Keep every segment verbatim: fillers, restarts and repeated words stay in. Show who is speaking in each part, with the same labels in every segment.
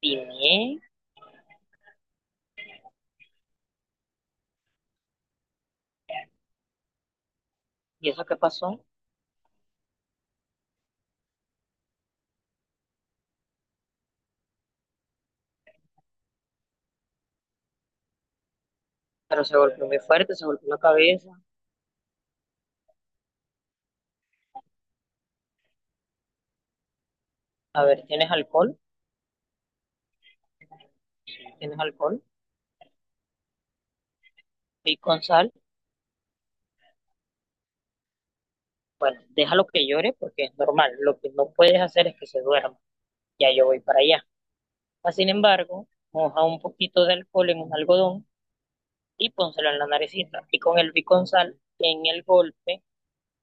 Speaker 1: Tiné, ¿y eso qué pasó? Pero se golpeó muy fuerte, se golpeó la cabeza. A ver, ¿tienes alcohol? ¿Tienes alcohol? Y con sal, bueno, déjalo que llore porque es normal. Lo que no puedes hacer es que se duerma. Ya yo voy para allá. Ah, sin embargo, moja un poquito de alcohol en un algodón y pónselo en la naricita. Y con el biconsal en el golpe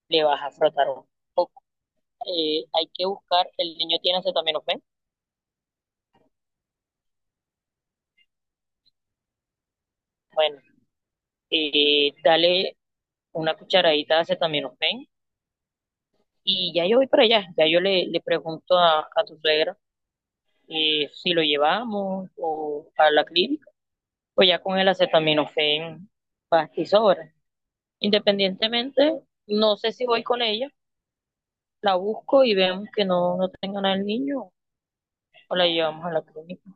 Speaker 1: le vas a frotar un poco. Eh, hay que buscar, el niño tiene acetaminofén. Bueno, eh, dale una cucharadita de acetaminofén. Y ya yo voy para allá, ya yo le, le pregunto a, a tu suegra, eh, si lo llevamos o a la clínica o ya con el acetaminofén, pasta y sobra. Independientemente, no sé si voy con ella, la busco y vemos que no, no tenga nada el niño o la llevamos a la clínica.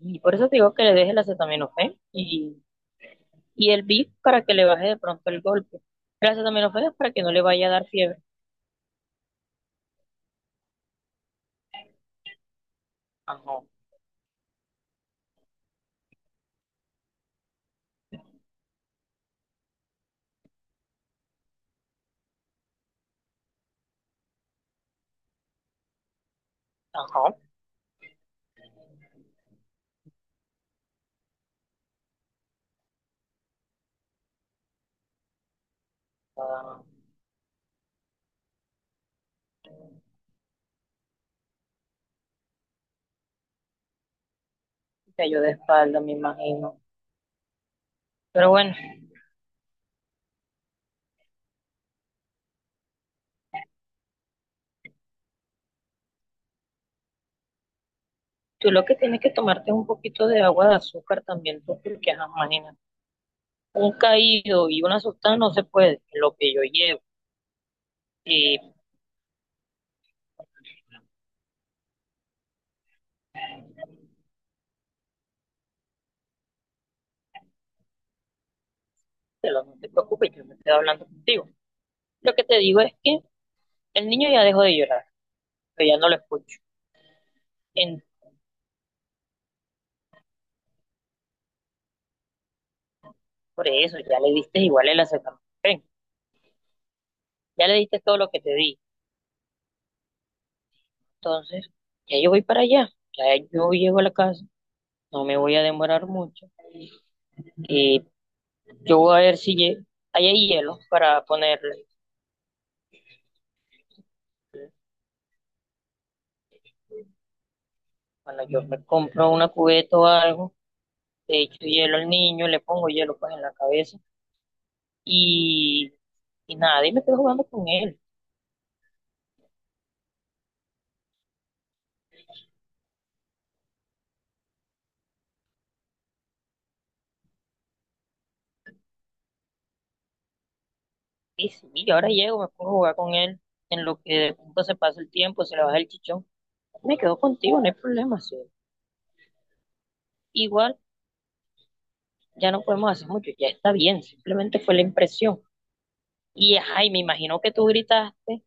Speaker 1: Y por eso te digo que le deje el acetaminofén y, y el V I P para que le baje de pronto el golpe. El acetaminofén es para que no le vaya a dar fiebre. Ajá, ajá. Ah, cayó de espalda, me imagino. Pero bueno, tú lo que tienes que tomarte es un poquito de agua de azúcar también, tú, porque ajá, imagínate, un caído y una asustada no se puede, lo que yo llevo. Y pero no te preocupes, yo me estoy hablando contigo. Lo que te digo es que el niño ya dejó de llorar, pero ya no lo escucho. En- por eso, ya le diste igual el acetaminofén, ya le diste todo lo que te di. Entonces, ya yo voy para allá, ya yo llego a la casa, no me voy a demorar mucho. Y yo voy a ver si lle- hay hielo para ponerle. Cuando yo me compro una cubeta o algo, le echo hielo al niño, le pongo hielo pues en la cabeza y, y nada, y me quedo jugando con él. Y sí, y ahora llego, me pongo a jugar con él, en lo que de pronto se pasa el tiempo, se le baja el chichón. Me quedo contigo, no hay problema, sí. Igual ya no podemos hacer mucho, ya está bien, simplemente fue la impresión. Y ay, me imagino que tú gritaste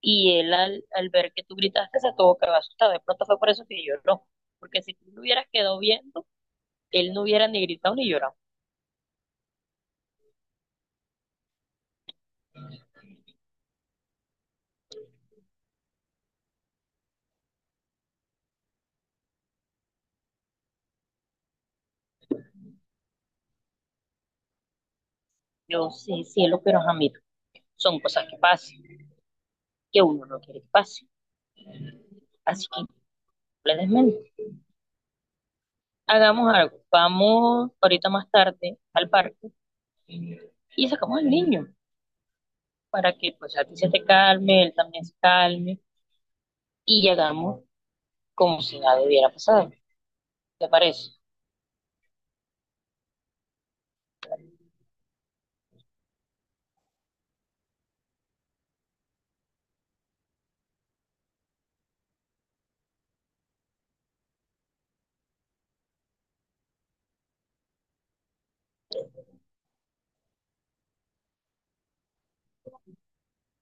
Speaker 1: y él al, al ver que tú gritaste se tuvo que haber asustado. De pronto fue por eso que yo no, porque si tú lo hubieras quedado viendo él no hubiera ni gritado ni llorado. Yo sí, cielo, pero ajá, mira, son cosas que pasan, que uno no quiere que pase. Así que no le desmente. Hagamos algo. Vamos ahorita más tarde al parque y sacamos al niño para que pues a ti se te calme, él también se calme y llegamos como si nada hubiera pasado. ¿Te parece?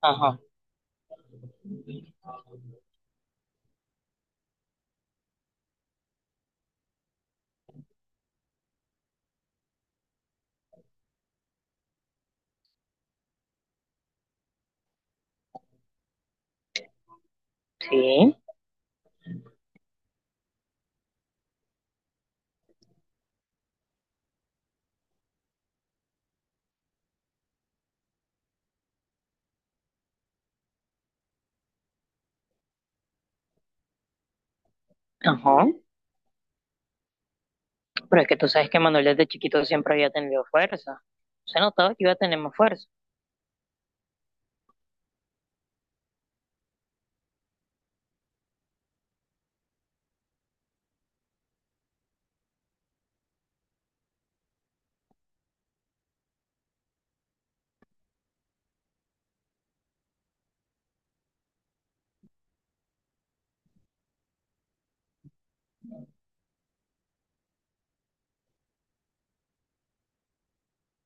Speaker 1: Ajá, sí, ajá. Pero es que tú sabes que Manuel desde chiquito siempre había tenido fuerza. Se notaba que iba a tener más fuerza.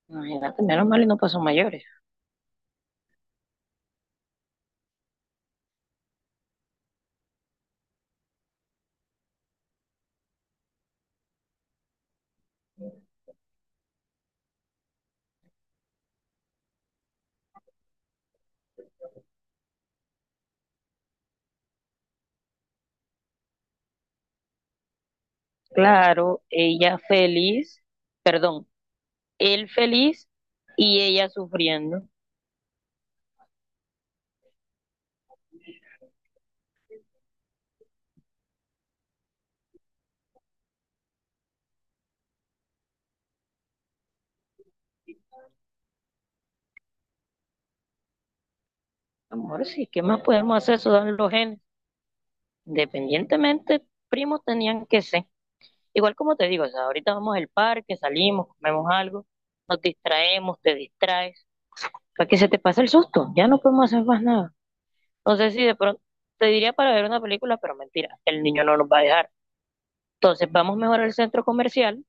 Speaker 1: Imagínate, menos mal y no pasó mayores. Claro, ella feliz, perdón, él feliz y ella sufriendo. Amor, sí, ¿qué más podemos hacer? Eso dan los genes. Independientemente, primos tenían que ser. Igual como te digo, o sea, ahorita vamos al parque, salimos, comemos algo, nos distraemos, te distraes, para que se te pase el susto, ya no podemos hacer más nada. No sé si de pronto te diría para ver una película, pero mentira, el niño no nos va a dejar. Entonces vamos mejor al centro comercial,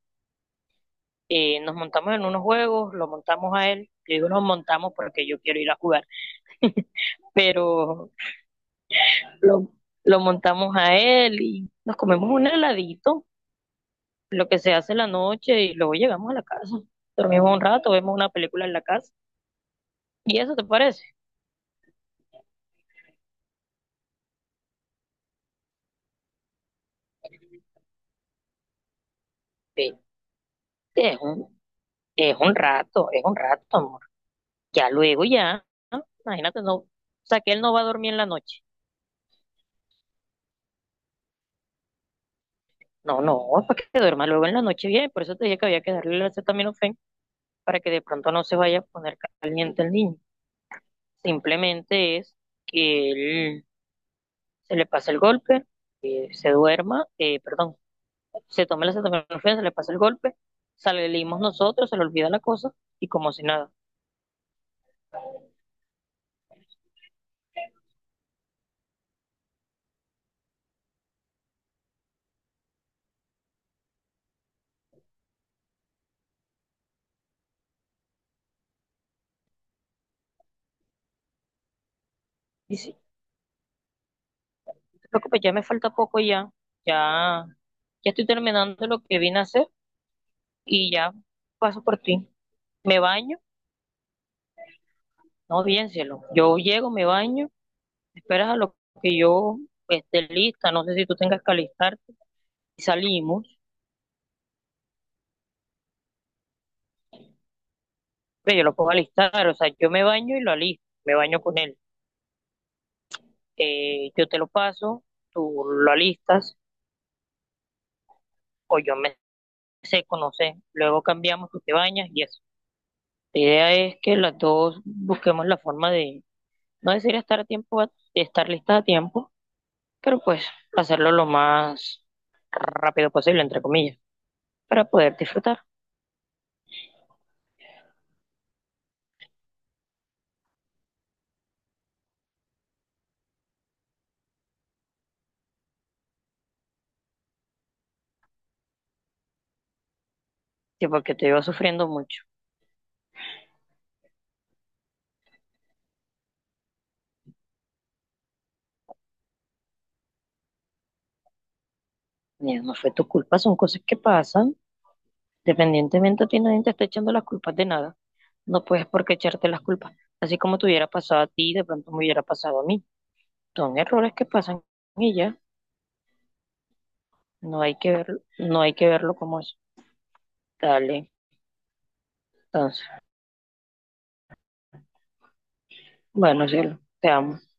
Speaker 1: eh, nos montamos en unos juegos, lo montamos a él, yo digo nos montamos porque yo quiero ir a jugar, pero lo, lo montamos a él y nos comemos un heladito, lo que se hace en la noche y luego llegamos a la casa, dormimos un rato, vemos una película en la casa y eso te parece. Vete, es un, es un rato, es un rato, amor, ya luego ya, ¿no? Imagínate, no, o sea que él no va a dormir en la noche. No, no, para que duerma luego en la noche bien, por eso te dije que había que darle el acetaminofén para que de pronto no se vaya a poner caliente el niño. Simplemente es que él se le pase el golpe, eh, se duerma, eh, perdón, se tome la acetaminofén, se le pase el golpe, salimos nosotros, se le olvida la cosa y como si nada. Y sí, no te preocupes, ya me falta poco ya, ya, ya estoy terminando lo que vine a hacer y ya paso por ti. Me baño, no bien cielo, yo llego, me baño, esperas a lo que yo esté lista, no sé si tú tengas que alistarte y salimos. Pero yo lo puedo alistar, o sea, yo me baño y lo alisto, me baño con él. Eh, yo te lo paso, tú lo alistas, o yo me seco, no sé. Luego cambiamos, tú te bañas y eso. La idea es que las dos busquemos la forma de, no decir estar a tiempo, de estar listas a tiempo, pero pues hacerlo lo más rápido posible, entre comillas, para poder disfrutar. Sí, porque te iba sufriendo mucho. Mira, no fue tu culpa, son cosas que pasan. Dependientemente a ti, nadie te está echando las culpas de nada. No puedes por qué echarte las culpas. Así como te hubiera pasado a ti, de pronto me hubiera pasado a mí. Son errores que pasan y ya. No hay que verlo, no hay que verlo como es. Dale. Entonces, bueno, cielo, te amo.